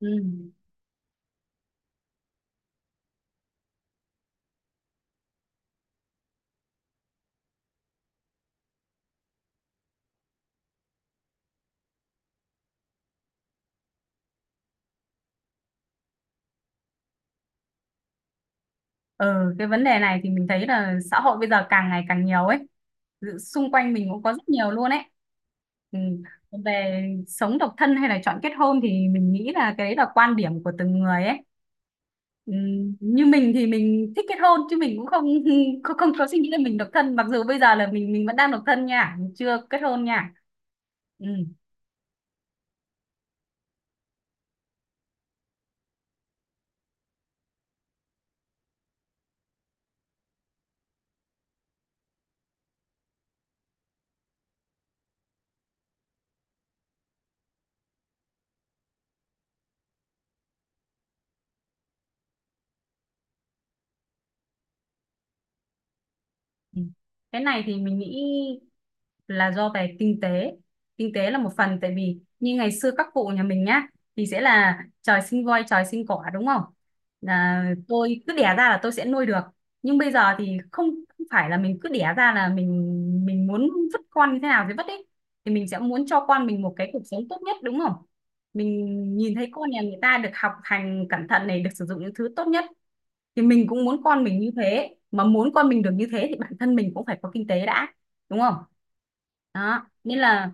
Ừ. Ờ, cái vấn đề này thì mình thấy là xã hội bây giờ càng ngày càng nhiều ấy. Xung quanh mình cũng có rất nhiều luôn ấy. Ừ. Về sống độc thân hay là chọn kết hôn thì mình nghĩ là cái đấy là quan điểm của từng người ấy. Ừ. Như mình thì mình thích kết hôn chứ mình cũng không không có suy nghĩ là mình độc thân, mặc dù bây giờ là mình vẫn đang độc thân nha, mình chưa kết hôn nha. Ừ. Ừ. Cái này thì mình nghĩ là do về kinh tế. Kinh tế là một phần, tại vì như ngày xưa các cụ nhà mình nhá thì sẽ là trời sinh voi trời sinh cỏ đúng không, là tôi cứ đẻ ra là tôi sẽ nuôi được. Nhưng bây giờ thì không, không phải là mình cứ đẻ ra là mình muốn vứt con như thế nào thì vứt ấy, thì mình sẽ muốn cho con mình một cái cuộc sống tốt nhất đúng không. Mình nhìn thấy con nhà người ta được học hành cẩn thận này, được sử dụng những thứ tốt nhất, thì mình cũng muốn con mình như thế. Mà muốn con mình được như thế thì bản thân mình cũng phải có kinh tế đã, đúng không? Đó nên là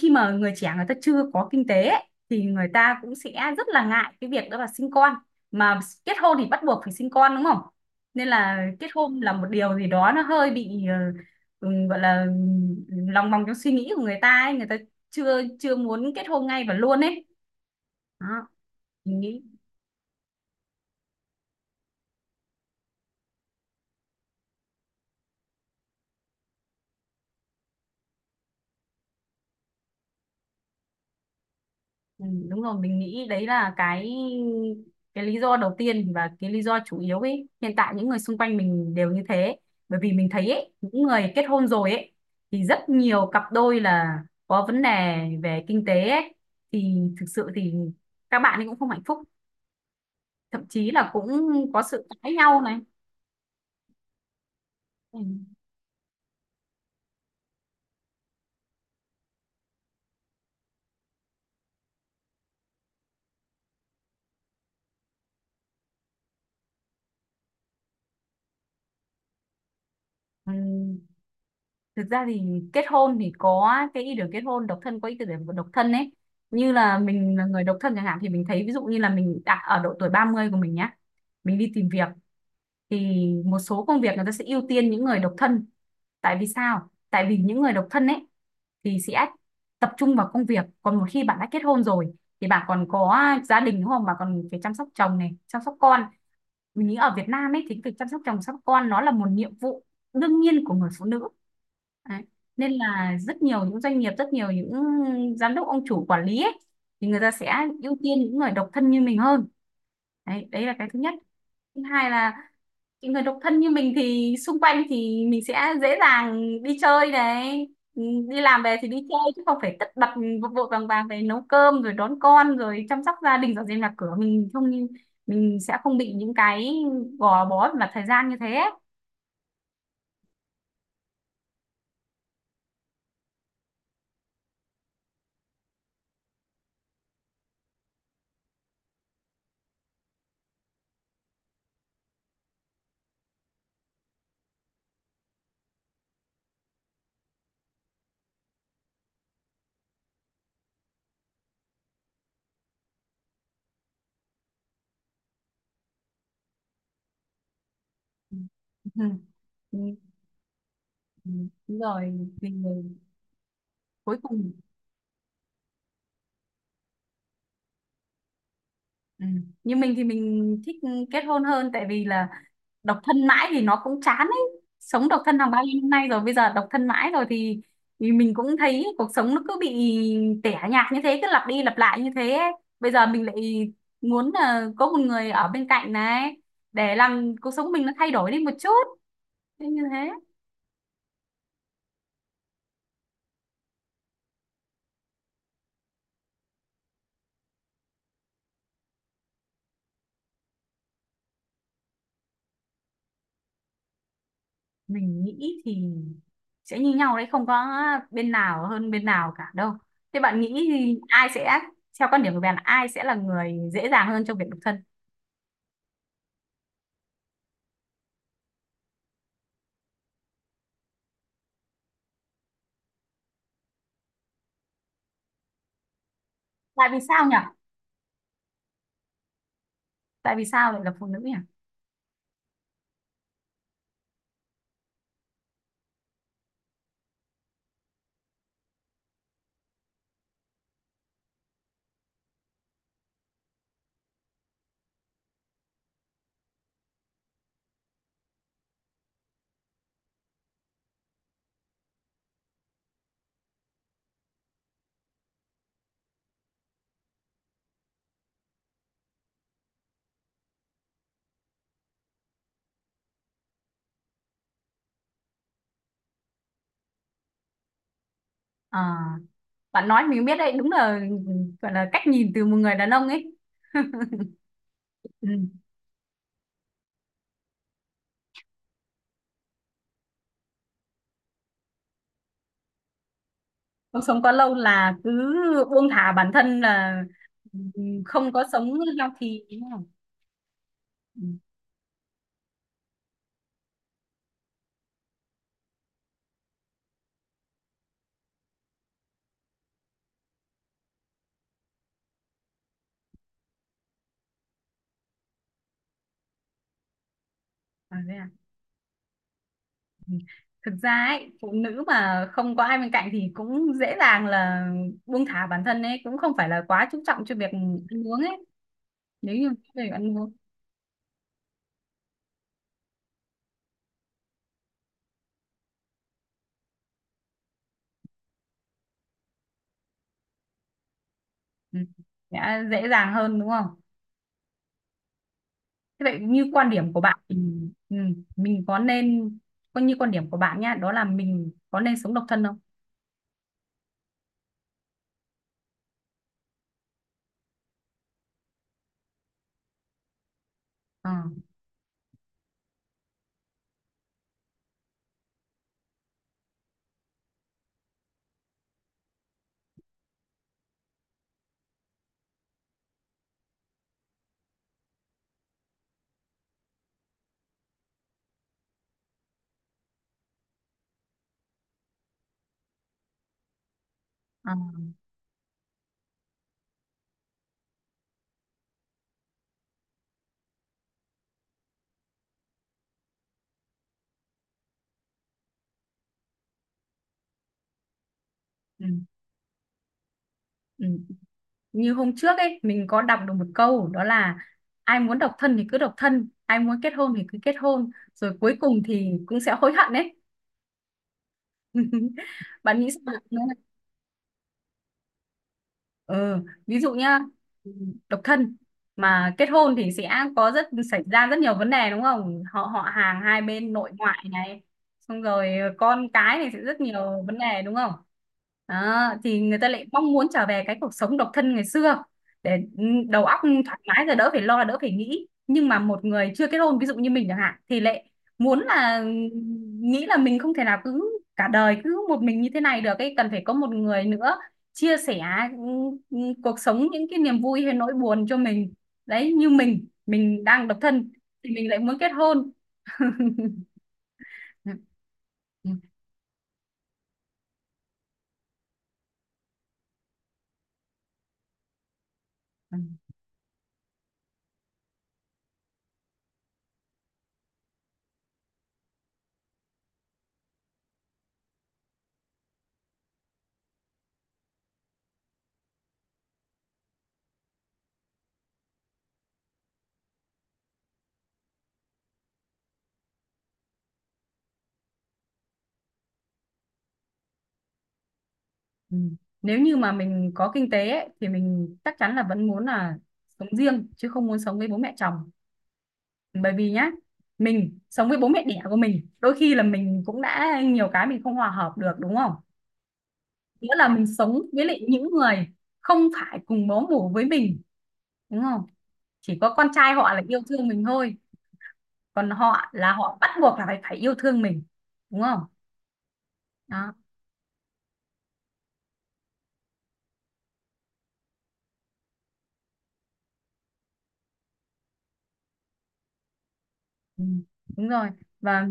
khi mà người trẻ người ta chưa có kinh tế ấy, thì người ta cũng sẽ rất là ngại cái việc đó là sinh con, mà kết hôn thì bắt buộc phải sinh con đúng không. Nên là kết hôn là một điều gì đó nó hơi bị gọi là lòng vòng trong suy nghĩ của người ta ấy, người ta chưa chưa muốn kết hôn ngay và luôn ấy, đó mình nghĩ. Ừ, đúng rồi. Mình nghĩ đấy là cái lý do đầu tiên và cái lý do chủ yếu ấy. Hiện tại những người xung quanh mình đều như thế, bởi vì mình thấy ấy, những người kết hôn rồi ấy thì rất nhiều cặp đôi là có vấn đề về kinh tế ấy, thì thực sự thì các bạn ấy cũng không hạnh phúc, thậm chí là cũng có sự cãi nhau này. Ừ. Ừ, thực ra thì kết hôn thì có cái ý tưởng kết hôn, độc thân có ý tưởng độc thân ấy. Như là mình là người độc thân chẳng hạn, thì mình thấy ví dụ như là mình đã ở độ tuổi 30 của mình nhá, mình đi tìm việc, thì một số công việc người ta sẽ ưu tiên những người độc thân. Tại vì sao? Tại vì những người độc thân ấy thì sẽ tập trung vào công việc, còn một khi bạn đã kết hôn rồi thì bạn còn có gia đình đúng không, bạn còn phải chăm sóc chồng này, chăm sóc con. Mình nghĩ ở Việt Nam ấy thì việc chăm sóc chồng sóc con nó là một nhiệm vụ đương nhiên của người phụ nữ. Đấy. Nên là rất nhiều những doanh nghiệp, rất nhiều những giám đốc, ông chủ, quản lý ấy, thì người ta sẽ ưu tiên những người độc thân như mình hơn đấy. Đấy là cái thứ nhất. Thứ hai là những người độc thân như mình thì xung quanh thì mình sẽ dễ dàng đi chơi này. Ừ, đi làm về thì đi chơi chứ không phải tất bật vội vội vàng vàng về nấu cơm rồi đón con rồi chăm sóc gia đình dọn dẹp nhà cửa, mình sẽ không bị những cái gò bó và thời gian như thế. Ừ, ừ, đúng rồi, thì cuối cùng. Ừ. Như mình thì mình thích kết hôn hơn, tại vì là độc thân mãi thì nó cũng chán ấy. Sống độc thân hàng bao nhiêu năm nay rồi, bây giờ độc thân mãi rồi thì mình cũng thấy cuộc sống nó cứ bị tẻ nhạt như thế, cứ lặp đi lặp lại như thế ấy. Bây giờ mình lại muốn là có một người ở bên cạnh này để làm cuộc sống mình nó thay đổi đi một chút. Thế. Như thế. Mình nghĩ thì sẽ như nhau đấy, không có bên nào hơn bên nào cả đâu. Thế bạn nghĩ thì ai sẽ theo quan điểm của bạn là ai sẽ là người dễ dàng hơn trong việc độc thân? Tại vì sao nhỉ? Tại vì sao lại là phụ nữ nhỉ? Ờ, bạn nói mình biết đấy, đúng là gọi là cách nhìn từ một người đàn ông ấy. Ừ. Không sống quá lâu là cứ buông thả bản thân, là ừ, không có sống healthy, ý không. Ừ. À, thế à? Thực ra ấy, phụ nữ mà không có ai bên cạnh thì cũng dễ dàng là buông thả bản thân ấy, cũng không phải là quá chú trọng cho việc ăn uống ấy. Nếu như về ăn uống ừ, sẽ dễ dàng hơn đúng không? Thế vậy như quan điểm của bạn thì ừ, mình có nên coi như quan điểm của bạn nhá, đó là mình có nên sống độc thân không? Ờ, ờ, ừ, ừ. Như hôm trước ấy mình có đọc được một câu đó là: ai muốn độc thân thì cứ độc thân, ai muốn kết hôn thì cứ kết hôn, rồi cuối cùng thì cũng sẽ hối hận ấy. Bạn nghĩ sao về nó? Ừ. Ví dụ nhá, độc thân mà kết hôn thì sẽ có rất xảy ra rất nhiều vấn đề đúng không, họ họ hàng hai bên nội ngoại này, xong rồi con cái này sẽ rất nhiều vấn đề đúng không. Đó, thì người ta lại mong muốn trở về cái cuộc sống độc thân ngày xưa để đầu óc thoải mái, rồi đỡ phải lo đỡ phải nghĩ. Nhưng mà một người chưa kết hôn ví dụ như mình chẳng hạn thì lại muốn là nghĩ là mình không thể nào cứ cả đời cứ một mình như thế này được ấy, cần phải có một người nữa chia sẻ ừ, ừ, cuộc sống, những cái niềm vui hay nỗi buồn cho mình. Đấy, như mình đang độc thân thì mình lại muốn kết hôn. Nếu như mà mình có kinh tế ấy, thì mình chắc chắn là vẫn muốn là sống riêng chứ không muốn sống với bố mẹ chồng. Bởi vì nhá, mình sống với bố mẹ đẻ của mình đôi khi là mình cũng đã nhiều cái mình không hòa hợp được đúng không, nghĩa là mình sống với lại những người không phải cùng máu mủ với mình đúng không. Chỉ có con trai họ là yêu thương mình thôi, còn họ là họ bắt buộc là phải phải yêu thương mình đúng không. Đó. Ừ, đúng rồi. Và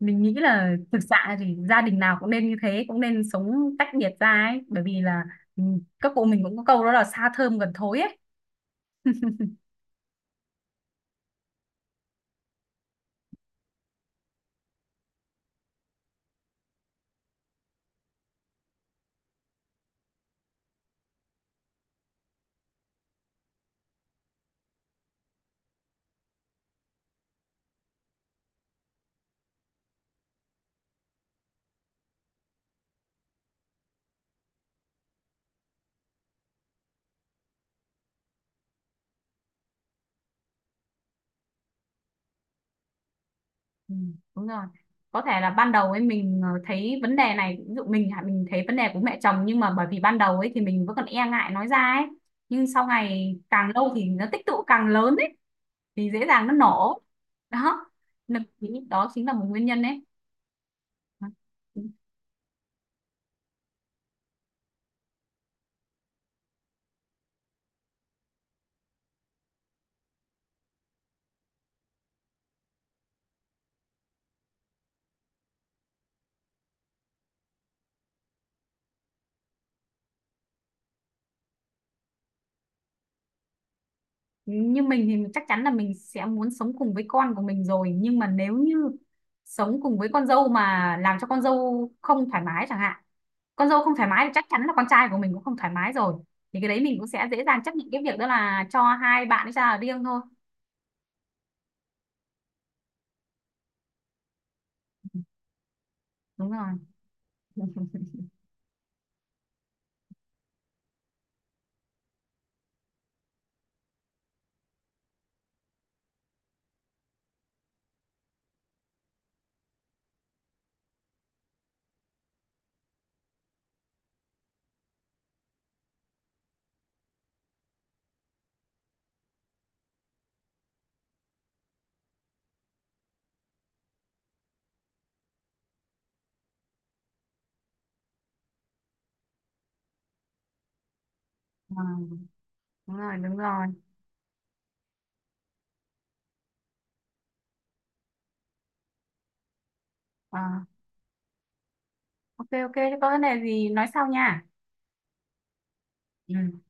mình nghĩ là thực sự thì gia đình nào cũng nên như thế, cũng nên sống tách biệt ra ấy, bởi vì là ừ, các cụ mình cũng có câu đó là xa thơm gần thối ấy. Ừ, đúng rồi. Có thể là ban đầu ấy mình thấy vấn đề này, ví dụ mình hả, mình thấy vấn đề của mẹ chồng, nhưng mà bởi vì ban đầu ấy thì mình vẫn còn e ngại nói ra ấy. Nhưng sau ngày càng lâu thì nó tích tụ càng lớn ấy, thì dễ dàng nó nổ. Đó nên mình nghĩ đó chính là một nguyên nhân. Đấy. Như mình thì chắc chắn là mình sẽ muốn sống cùng với con của mình rồi, nhưng mà nếu như sống cùng với con dâu mà làm cho con dâu không thoải mái chẳng hạn, con dâu không thoải mái thì chắc chắn là con trai của mình cũng không thoải mái rồi, thì cái đấy mình cũng sẽ dễ dàng chấp nhận cái việc đó là cho hai bạn ấy ra ở riêng thôi. Đúng rồi. Ờ, đúng rồi, đúng rồi. Ờ, ok, ok, thế có vấn đề gì nói sau nha. Ừ.